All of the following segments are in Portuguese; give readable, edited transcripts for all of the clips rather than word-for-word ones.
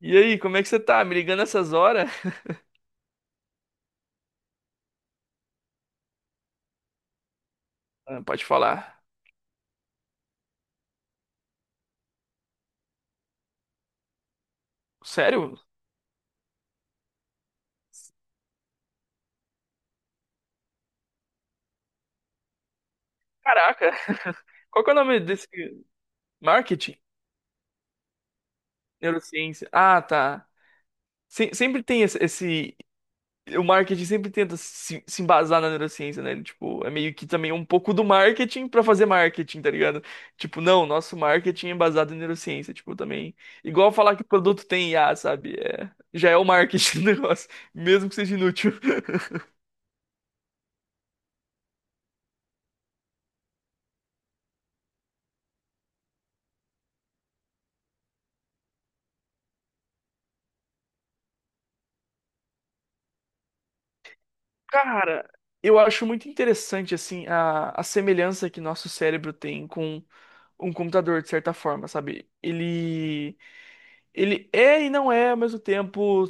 E aí, como é que você tá? Me ligando essas horas? Ah, pode falar. Sério? Caraca! Qual que é o nome desse? Marketing? Neurociência. Ah, tá. Sempre tem esse. O marketing sempre tenta se embasar na neurociência, né? Ele, tipo, é meio que também um pouco do marketing pra fazer marketing, tá ligado? Tipo, não, nosso marketing é baseado em neurociência. Tipo, também. Igual falar que o produto tem IA, sabe? É, já é o marketing do negócio, mesmo que seja inútil. Cara, eu acho muito interessante assim a semelhança que nosso cérebro tem com um computador de certa forma, sabe? Ele é e não é ao mesmo tempo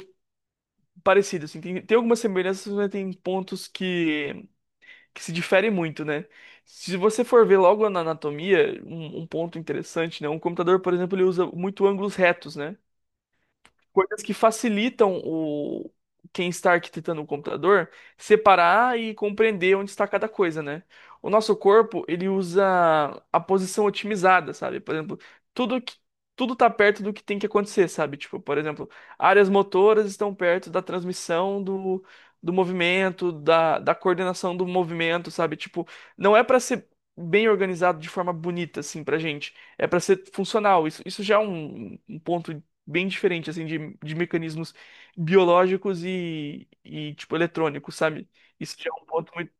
parecido, assim. Tem algumas semelhanças, mas tem pontos que se diferem muito, né? Se você for ver logo na anatomia, um ponto interessante, né? Um computador, por exemplo, ele usa muito ângulos retos, né? Coisas que facilitam o quem está arquitetando o computador separar e compreender onde está cada coisa, né? O nosso corpo, ele usa a posição otimizada, sabe? Por exemplo, tudo que tudo tá perto do que tem que acontecer, sabe? Tipo, por exemplo, áreas motoras estão perto da transmissão do movimento, da coordenação do movimento, sabe? Tipo, não é para ser bem organizado de forma bonita, assim, pra gente. É para ser funcional. Isso já é um ponto bem diferente, assim, de mecanismos biológicos tipo, eletrônicos, sabe? Isso já é um ponto muito...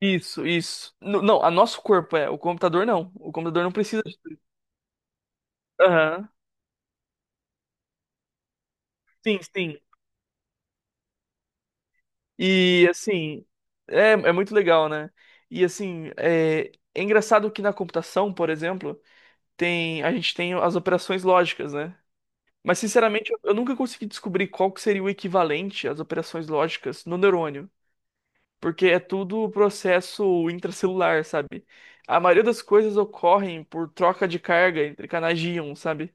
Isso, isso. Não, a nosso corpo é, o computador não. O computador não precisa... de- Aham. Sim, sim. E, assim, é, é muito legal, né? E, assim, é, é engraçado que na computação, por exemplo, tem, a gente tem as operações lógicas, né? Mas, sinceramente, eu nunca consegui descobrir qual que seria o equivalente às operações lógicas no neurônio. Porque é tudo um processo intracelular, sabe? A maioria das coisas ocorrem por troca de carga entre canais de íon, sabe?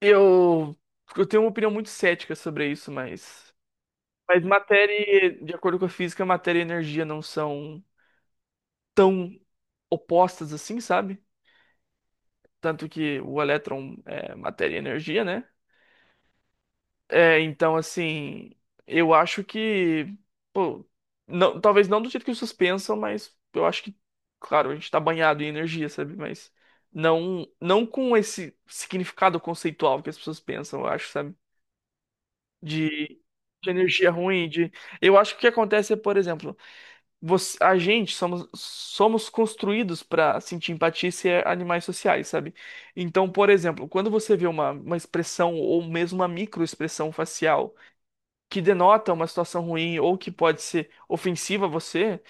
Eu, eu tenho uma opinião muito cética sobre isso, mas matéria, e- de acordo com a física, matéria e energia não são tão opostas assim, sabe? Tanto que o elétron é matéria e energia, né? É, então, assim, eu acho que, pô, não, talvez não do jeito que vocês pensam, mas eu acho que, claro, a gente tá banhado em energia, sabe? Mas não, não com esse significado conceitual que as pessoas pensam, eu acho, sabe? De, de energia ruim, de... Eu acho que o que acontece é, por exemplo, você, a gente somos, somos construídos pra sentir empatia e ser animais sociais, sabe? Então, por exemplo, quando você vê uma expressão ou mesmo uma microexpressão facial que denota uma situação ruim ou que pode ser ofensiva a você,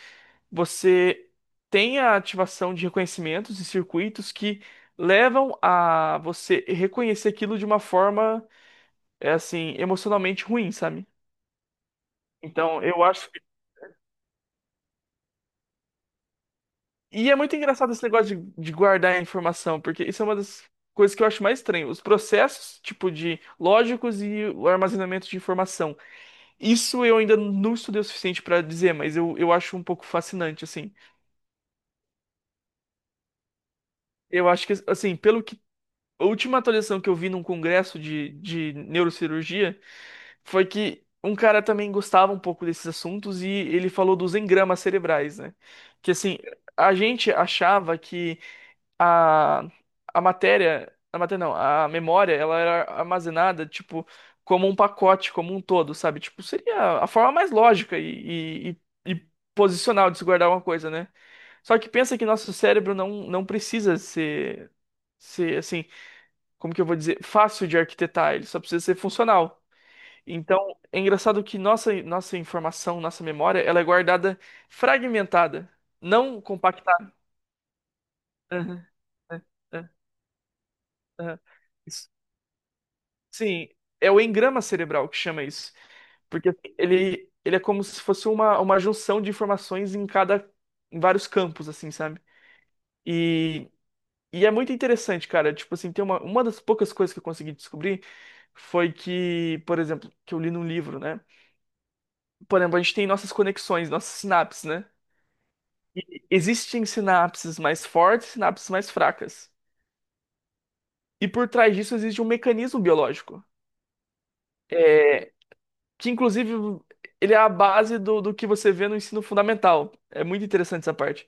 você tem a ativação de reconhecimentos e circuitos que levam a você reconhecer aquilo de uma forma, é assim, emocionalmente ruim, sabe? Então, eu acho. E é muito engraçado esse negócio de guardar a informação, porque isso é uma das coisas que eu acho mais estranho. Os processos, tipo, de lógicos e o armazenamento de informação. Isso eu ainda não estudei o suficiente para dizer, mas eu acho um pouco fascinante, assim. Eu acho que, assim, pelo que. A última atualização que eu vi num congresso de neurocirurgia foi que um cara também gostava um pouco desses assuntos e ele falou dos engramas cerebrais, né? Que, assim, a gente achava que a, a matéria. A matéria não, a memória, ela era armazenada, tipo, como um pacote, como um todo, sabe? Tipo, seria a forma mais lógica e posicional de se guardar uma coisa, né? Só que pensa que nosso cérebro não precisa ser, assim, como que eu vou dizer, fácil de arquitetar, ele só precisa ser funcional. Então, é engraçado que nossa informação, nossa memória, ela é guardada fragmentada, não compactada. Aham, é, é, aham. Isso. Sim, é o engrama cerebral que chama isso, porque assim, ele é como se fosse uma junção de informações em cada, em vários campos, assim, sabe? E E é muito interessante, cara. Tipo assim, tem uma das poucas coisas que eu consegui descobrir foi que, por exemplo, que eu li num livro, né? Por exemplo, a gente tem nossas conexões, nossas sinapses, né? E existem sinapses mais fortes, sinapses mais fracas. E por trás disso existe um mecanismo biológico. É, que inclusive ele é a base do que você vê no ensino fundamental. É muito interessante essa parte.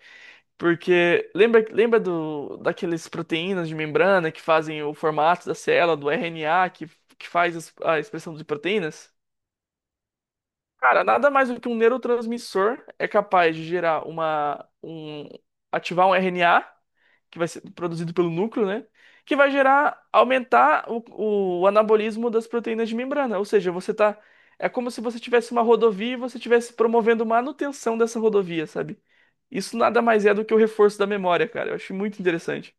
Porque lembra, lembra do, daqueles proteínas de membrana que fazem o formato da célula, do RNA, que faz as- a expressão de proteínas? Cara, nada mais do que um neurotransmissor é capaz de gerar uma, um, ativar um RNA que vai ser produzido pelo núcleo, né? Que vai gerar, aumentar o anabolismo das proteínas de membrana. Ou seja, você tá. É como se você tivesse uma rodovia e você estivesse promovendo manutenção dessa rodovia, sabe? Isso nada mais é do que o reforço da memória, cara. Eu acho muito interessante.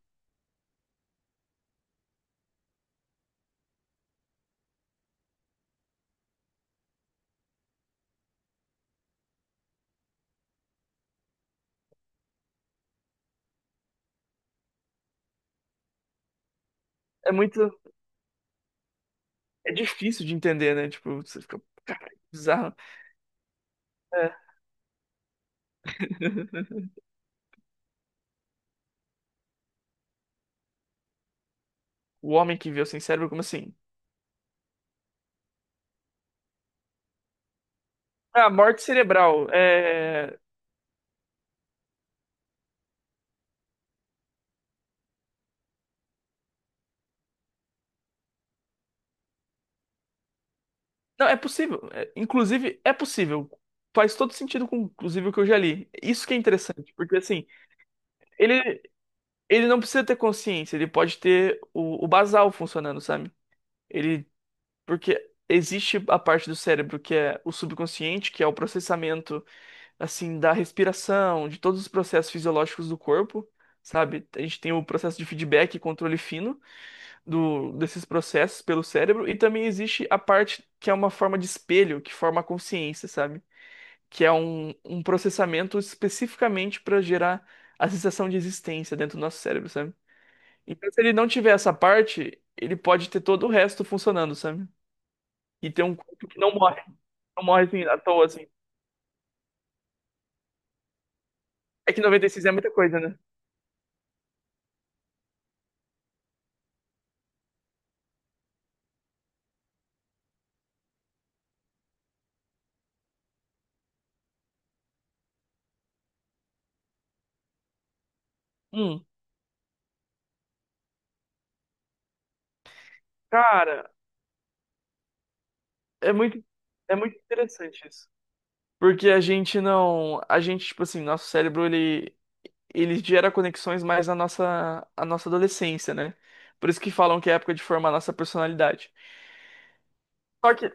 É muito. É difícil de entender, né? Tipo, você fica. Cara, bizarro. É. O homem que viveu sem cérebro, como assim? Ah, morte cerebral. É. Não, é possível. É- inclusive, é possível. Faz todo sentido com, inclusive, o que eu já li. Isso que é interessante, porque assim, ele, ele não precisa ter consciência, ele pode ter o basal funcionando, sabe? Ele, porque existe a parte do cérebro que é o subconsciente, que é o processamento, assim, da respiração, de todos os processos fisiológicos do corpo, sabe? A gente tem o processo de feedback e controle fino desses processos pelo cérebro, e também existe a parte que é uma forma de espelho, que forma a consciência, sabe? Que é um processamento especificamente para gerar a sensação de existência dentro do nosso cérebro, sabe? Então, se ele não tiver essa parte, ele pode ter todo o resto funcionando, sabe? E ter um corpo que não morre, não morre assim, à toa, assim. É que 96 é muita coisa, né? Hum, cara, é muito, é muito interessante isso. Porque a gente não, a gente, tipo assim, nosso cérebro, ele gera conexões mais na nossa, a nossa adolescência, né? Por isso que falam que é a época de formar a nossa personalidade. Só que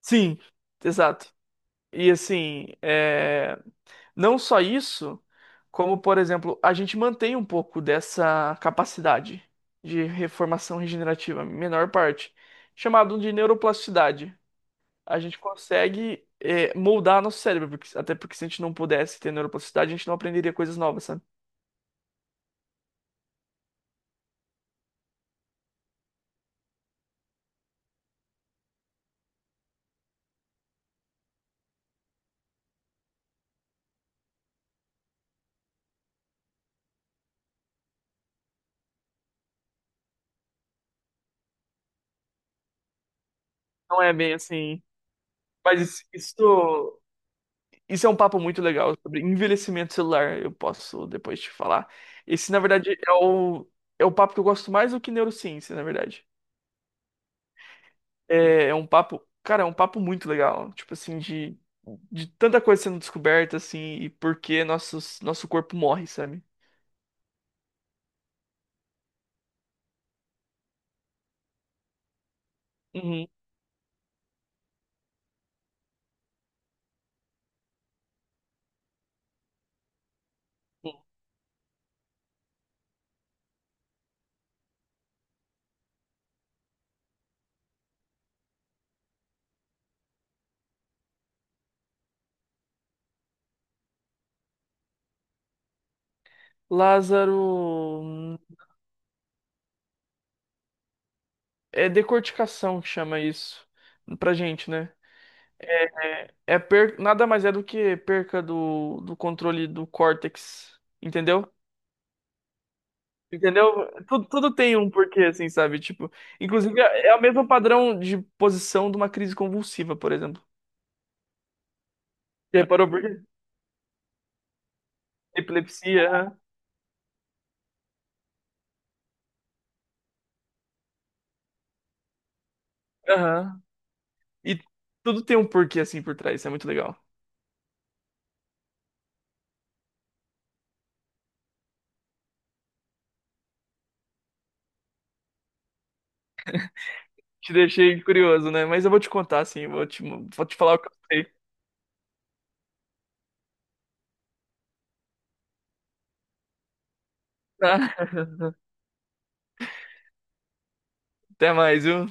sim, exato. E assim, é, não só isso, como, por exemplo, a gente mantém um pouco dessa capacidade de reformação regenerativa, menor parte, chamado de neuroplasticidade. A gente consegue é, moldar nosso cérebro, porque- até porque se a gente não pudesse ter neuroplasticidade, a gente não aprenderia coisas novas, sabe? Não é bem assim. Mas isso isso é um papo muito legal sobre envelhecimento celular. Eu posso depois te falar. Esse, na verdade, é é o papo que eu gosto mais do que neurociência, na verdade. É, é um papo, cara, é um papo muito legal. Tipo assim, de tanta coisa sendo descoberta, assim, e por que nossos, nosso corpo morre, sabe? Uhum. Lázaro. Hum, é decorticação que chama isso pra gente, né? É, nada mais é do que perca do controle do córtex, entendeu? Entendeu? Tudo, tudo tem um porquê, assim, sabe? Tipo, inclusive é o mesmo padrão de posição de uma crise convulsiva, por exemplo. Você reparou por quê? Epilepsia, aham. Aham. E tudo tem um porquê, assim, por trás. Isso é muito legal. Te deixei curioso, né? Mas eu vou te contar, assim, vou te falar o que eu sei. Tá? Até mais, viu?